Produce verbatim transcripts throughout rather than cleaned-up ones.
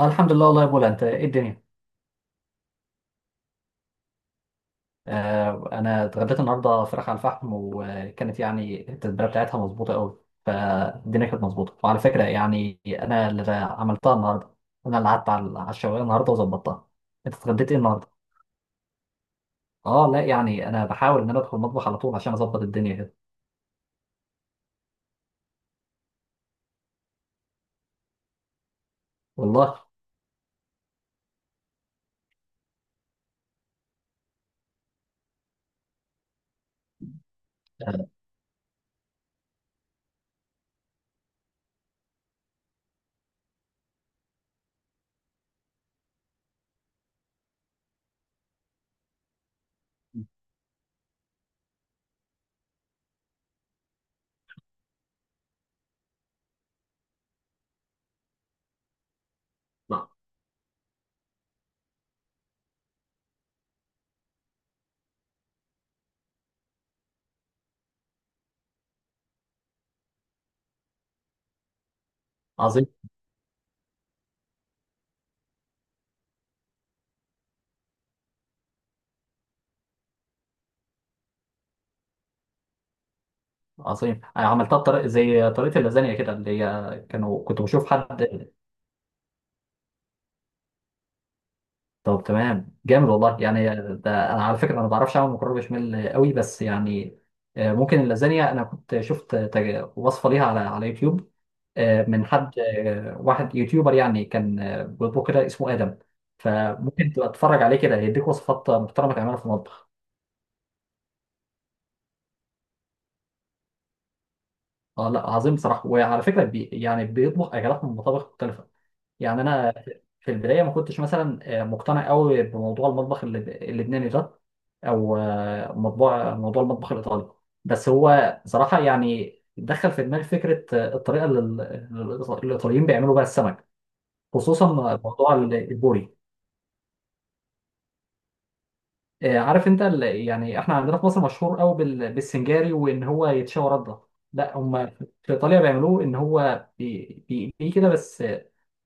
آه، الحمد لله والله يا بولا انت ايه الدنيا. آه انا اتغديت النهارده فراخ على الفحم، وكانت يعني التتبيله بتاعتها مظبوطه قوي. فالدنيا كانت مظبوطه، وعلى فكره يعني انا اللي عملتها النهارده. انا اللي قعدت على على الشوايه النهارده وظبطتها. انت اتغديت ايه النهارده؟ اه لا، يعني انا بحاول ان انا ادخل المطبخ على طول عشان اظبط الدنيا كده. والله. آه، عظيم عظيم. انا عملتها بطريقه زي طريقه اللازانيا كده، اللي هي كانوا كنت بشوف حد. طب تمام، جامد والله يعني. ده انا على فكره انا ما بعرفش اعمل مكرونه بشاميل قوي، بس يعني آه، ممكن اللازانيا، انا كنت شفت تج- وصفه ليها على على يوتيوب. آه، من حد، آه، واحد يوتيوبر يعني، كان آه، بيطبخ كده، اسمه ادم. فممكن تبقى تتفرج عليه كده، هيديك وصفات محترمه تعملها في المطبخ. اه لا عظيم بصراحه. وعلى فكره بي يعني بيطبخ اكلات من مطابخ مختلفه. يعني انا في البدايه ما كنتش مثلا آه، مقتنع قوي بموضوع المطبخ اللب- اللبناني ده، او آه، موضوع موضوع المطبخ الايطالي. بس هو صراحه يعني دخل في دماغي فكره، آه، الطريقه اللي ال- الإيط- الايطاليين بيعملوا بيها السمك، خصوصا موضوع ال- البوري. آه، عارف انت، ال- يعني احنا عندنا في مصر مشهور قوي بال- بالسنجاري، وان هو يتشوى رده. لا هم في ايطاليا بيعملوه ان هو بي- بيقليه كده بس،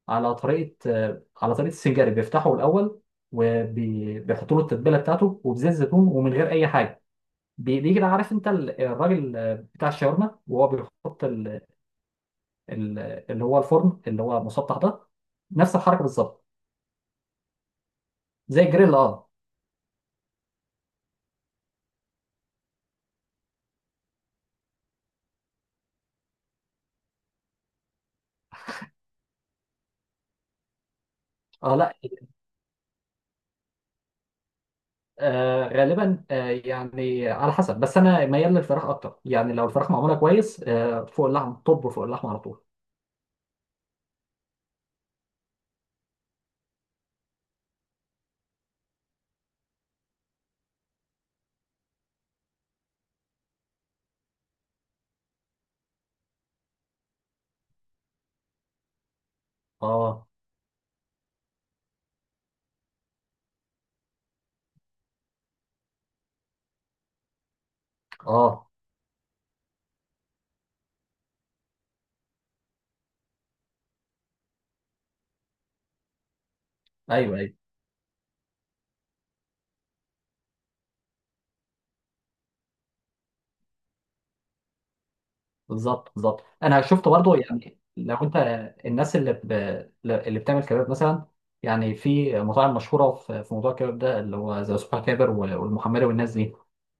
على طريقه، آه، على طريقه السنجاري، بيفتحه الاول وبيحطوا له التتبيله بتاعته وبزيت زيتون ومن غير اي حاجه. بي- بيجي ده، عارف انت ال- الراجل آه، بتاع الشاورما وهو بيحط ال- ال- اللي هو الفرن اللي هو مسطح ده، نفس الحركه بالظبط. زي الجريل اه. اه لا، آه غالبا آه يعني على حسب، بس انا ميال للفراخ اكتر. يعني لو الفراخ معموله كويس، آه فوق اللحم، طب فوق اللحم على طول. اه اه ايوه أيوة. بالظبط بالظبط. انا شفت برضو، يعني لو انت الناس اللي ب... اللي بتعمل كباب مثلا، يعني في مطاعم مشهوره في في موضوع الكباب ده، اللي هو زي سوبر كابر وال- والمحمري والناس دي.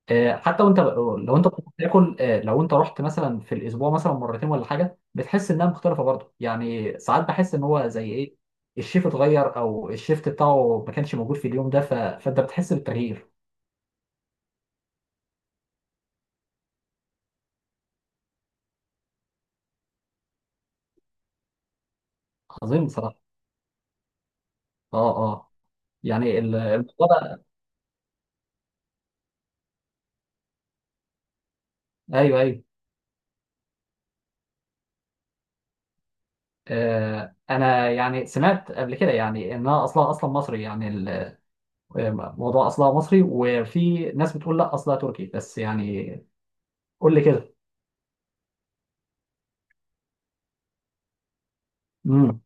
آه، حتى وانت لو انت بتاكل، آه، لو انت رحت مثلا في الاسبوع مثلا مرتين ولا حاجه، بتحس انها مختلفه برضو. يعني ساعات بحس ان هو زي ايه، الشيف اتغير، او الشيفت بتاعه ما كانش موجود في اليوم ده، ف... فانت بتحس بالتغيير. عظيم بصراحه. اه اه. يعني ال- الموضوع ده، ايوه ايوه. آه، انا يعني سمعت قبل كده يعني انها اصلها اصلا مصري يعني. الموضوع اصلها مصري، وفي ناس بتقول لا اصلها تركي، بس يعني قول لي كده. امم.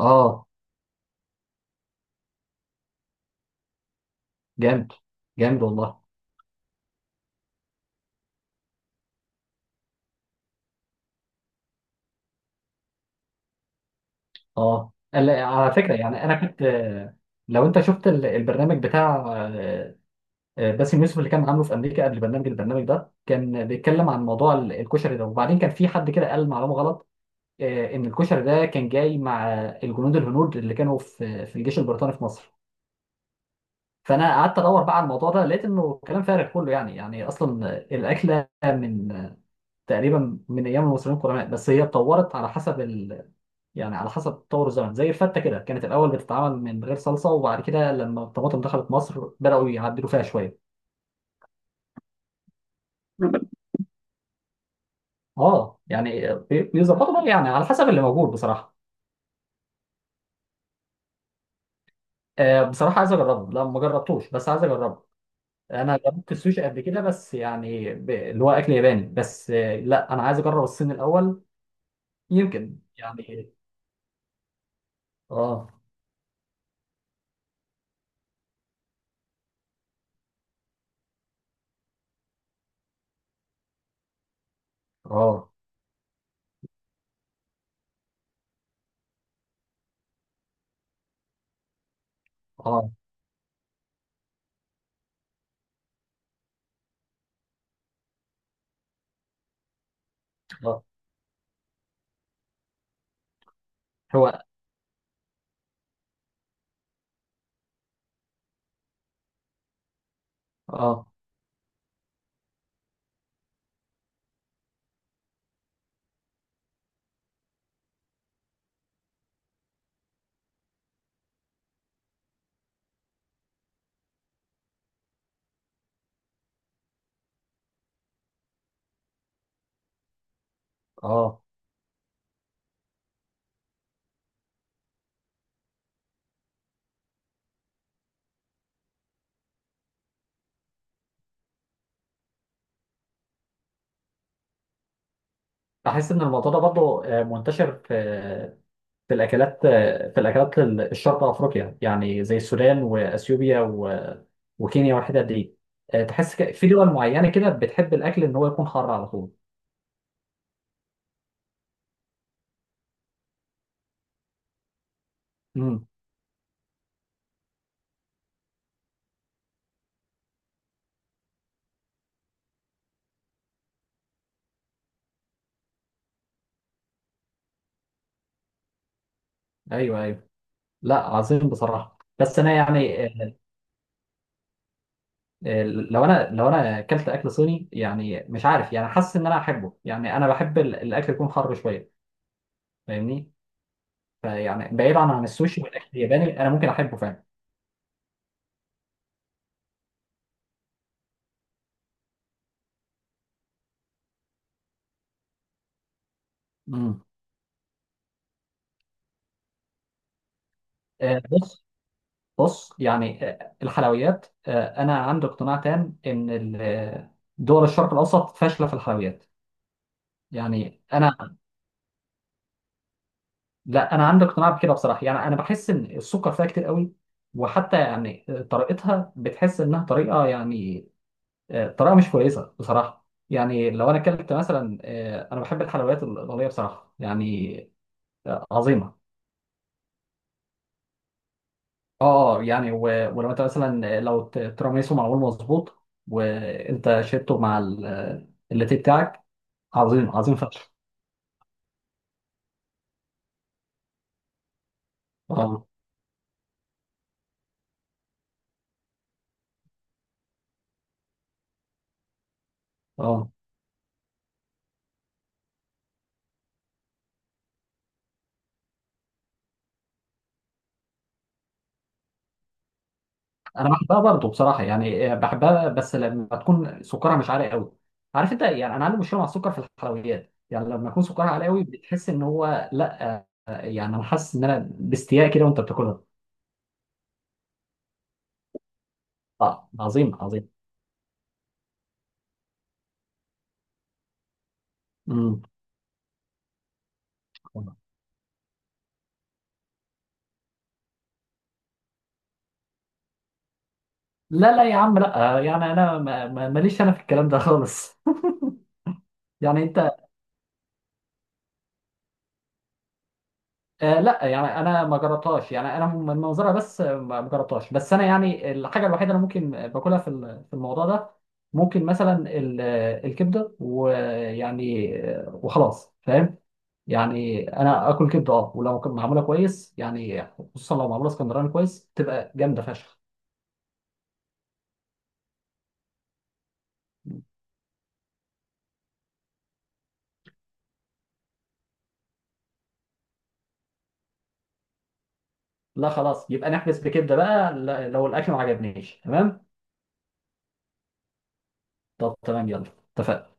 اه. جامد، جامد والله. اه ال- على فكره يعني انا كنت، آه، لو انت شفت ال- البرنامج بتاع آه، آه، باسم يوسف اللي كان عامله في امريكا، قبل برنامج البرنامج ده كان بيتكلم عن موضوع ال- الكشري ده، وبعدين كان في حد كده قال معلومه غلط، آه، ان الكشري ده كان جاي مع الجنود الهنود اللي كانوا في في الجيش البريطاني في مصر. فانا قعدت ادور بقى على الموضوع ده، لقيت انه كلام فارغ كله. يعني يعني اصلا الاكله من تقريبا من ايام المصريين القدماء، بس هي اتطورت على حسب ال... يعني على حسب تطور الزمن. زي الفته كده، كانت الاول بتتعمل من غير صلصه، وبعد كده لما الطماطم دخلت مصر بداوا يعدلوا فيها شويه. اه يعني بي- بيظبطوا بقى يعني على حسب اللي موجود بصراحه. آه، بصراحه عايز اجربه، لا ما جربتوش بس عايز اجربه. انا جربت السوشي قبل كده، بس يعني ب- اللي هو اكل ياباني. بس آه، لا انا عايز اجرب الصين الاول، يمكن يعني. اه اه اه اه. هو اه اه. بحس ان الموضوع ده برضه آه، منتشر في في الاكلات، آه، في الاكلات ال- الشرق افريقيا يعني، زي السودان واثيوبيا و- وكينيا والحتت دي. آه، تحس ك- في دول معينه كده بتحب الاكل ان هو يكون حار على طول. امم. ايوه ايوه. لا عظيم بصراحه. بس انا يعني آه، آه، لو انا لو انا اكلت اكل صيني، يعني مش عارف، يعني حاسس ان انا احبه. يعني انا بحب ال- الاكل يكون حر شويه، فاهمني؟ فيعني بعيدا عن السوشي والاكل الياباني، انا ممكن احبه فعلا. مم. آه، بص، بص يعني آه، الحلويات، آه، انا عندي اقتناع تام ان ال- آه، دول الشرق الاوسط فاشله في الحلويات. يعني انا، لا انا عندي اقتناع بكده بصراحه. يعني انا بحس ان السكر فيها كتير قوي، وحتى يعني طريقتها بتحس انها طريقه يعني آه، طريقه مش كويسه بصراحه. يعني لو انا اكلت مثلا، آه، انا بحب الحلويات الايطاليه بصراحه. يعني آه، عظيمه. اه اه يعني، و- ولو انت مثلا، آه، لو ت- تيراميسو معمول مظبوط وانت شربته مع ال- آه، اللاتيه بتاعك، عظيم عظيم فشخ. اه اه. انا بحبها برضه بصراحه يعني، آه، بحبها بس لما تكون سكرها مش عالي قوي. عارف انت، يعني انا عندي مشكله مع السكر في الحلويات. يعني لما يكون سكرها عالي قوي بتحس ان هو لا، آه، يعني انا حاسس ان انا باستياء كده وانت بتاكلها. اه عظيم عظيم. مم. لا لا يا عم، لا آه، يعني انا ما- ما- ماليش انا في الكلام ده خالص يعني انت، آه لا يعني انا ما جربتهاش. يعني انا من منظرها بس، آه، ما ما جربتهاش. بس انا يعني الحاجه الوحيده اللي ممكن باكلها في ال- في الموضوع ده، ممكن مثلا ال- آه، الكبده، ويعني آه، وخلاص فاهم. يعني انا اكل كبده اه، ولو كانت معموله كويس يعني، خصوصا لو معموله اسكندراني كويس تبقى جامده فشخ. لا خلاص، يبقى نحبس بكده بقى. لا- لو الاكل ما عجبنيش تمام. طب تمام يلا، اتفقنا.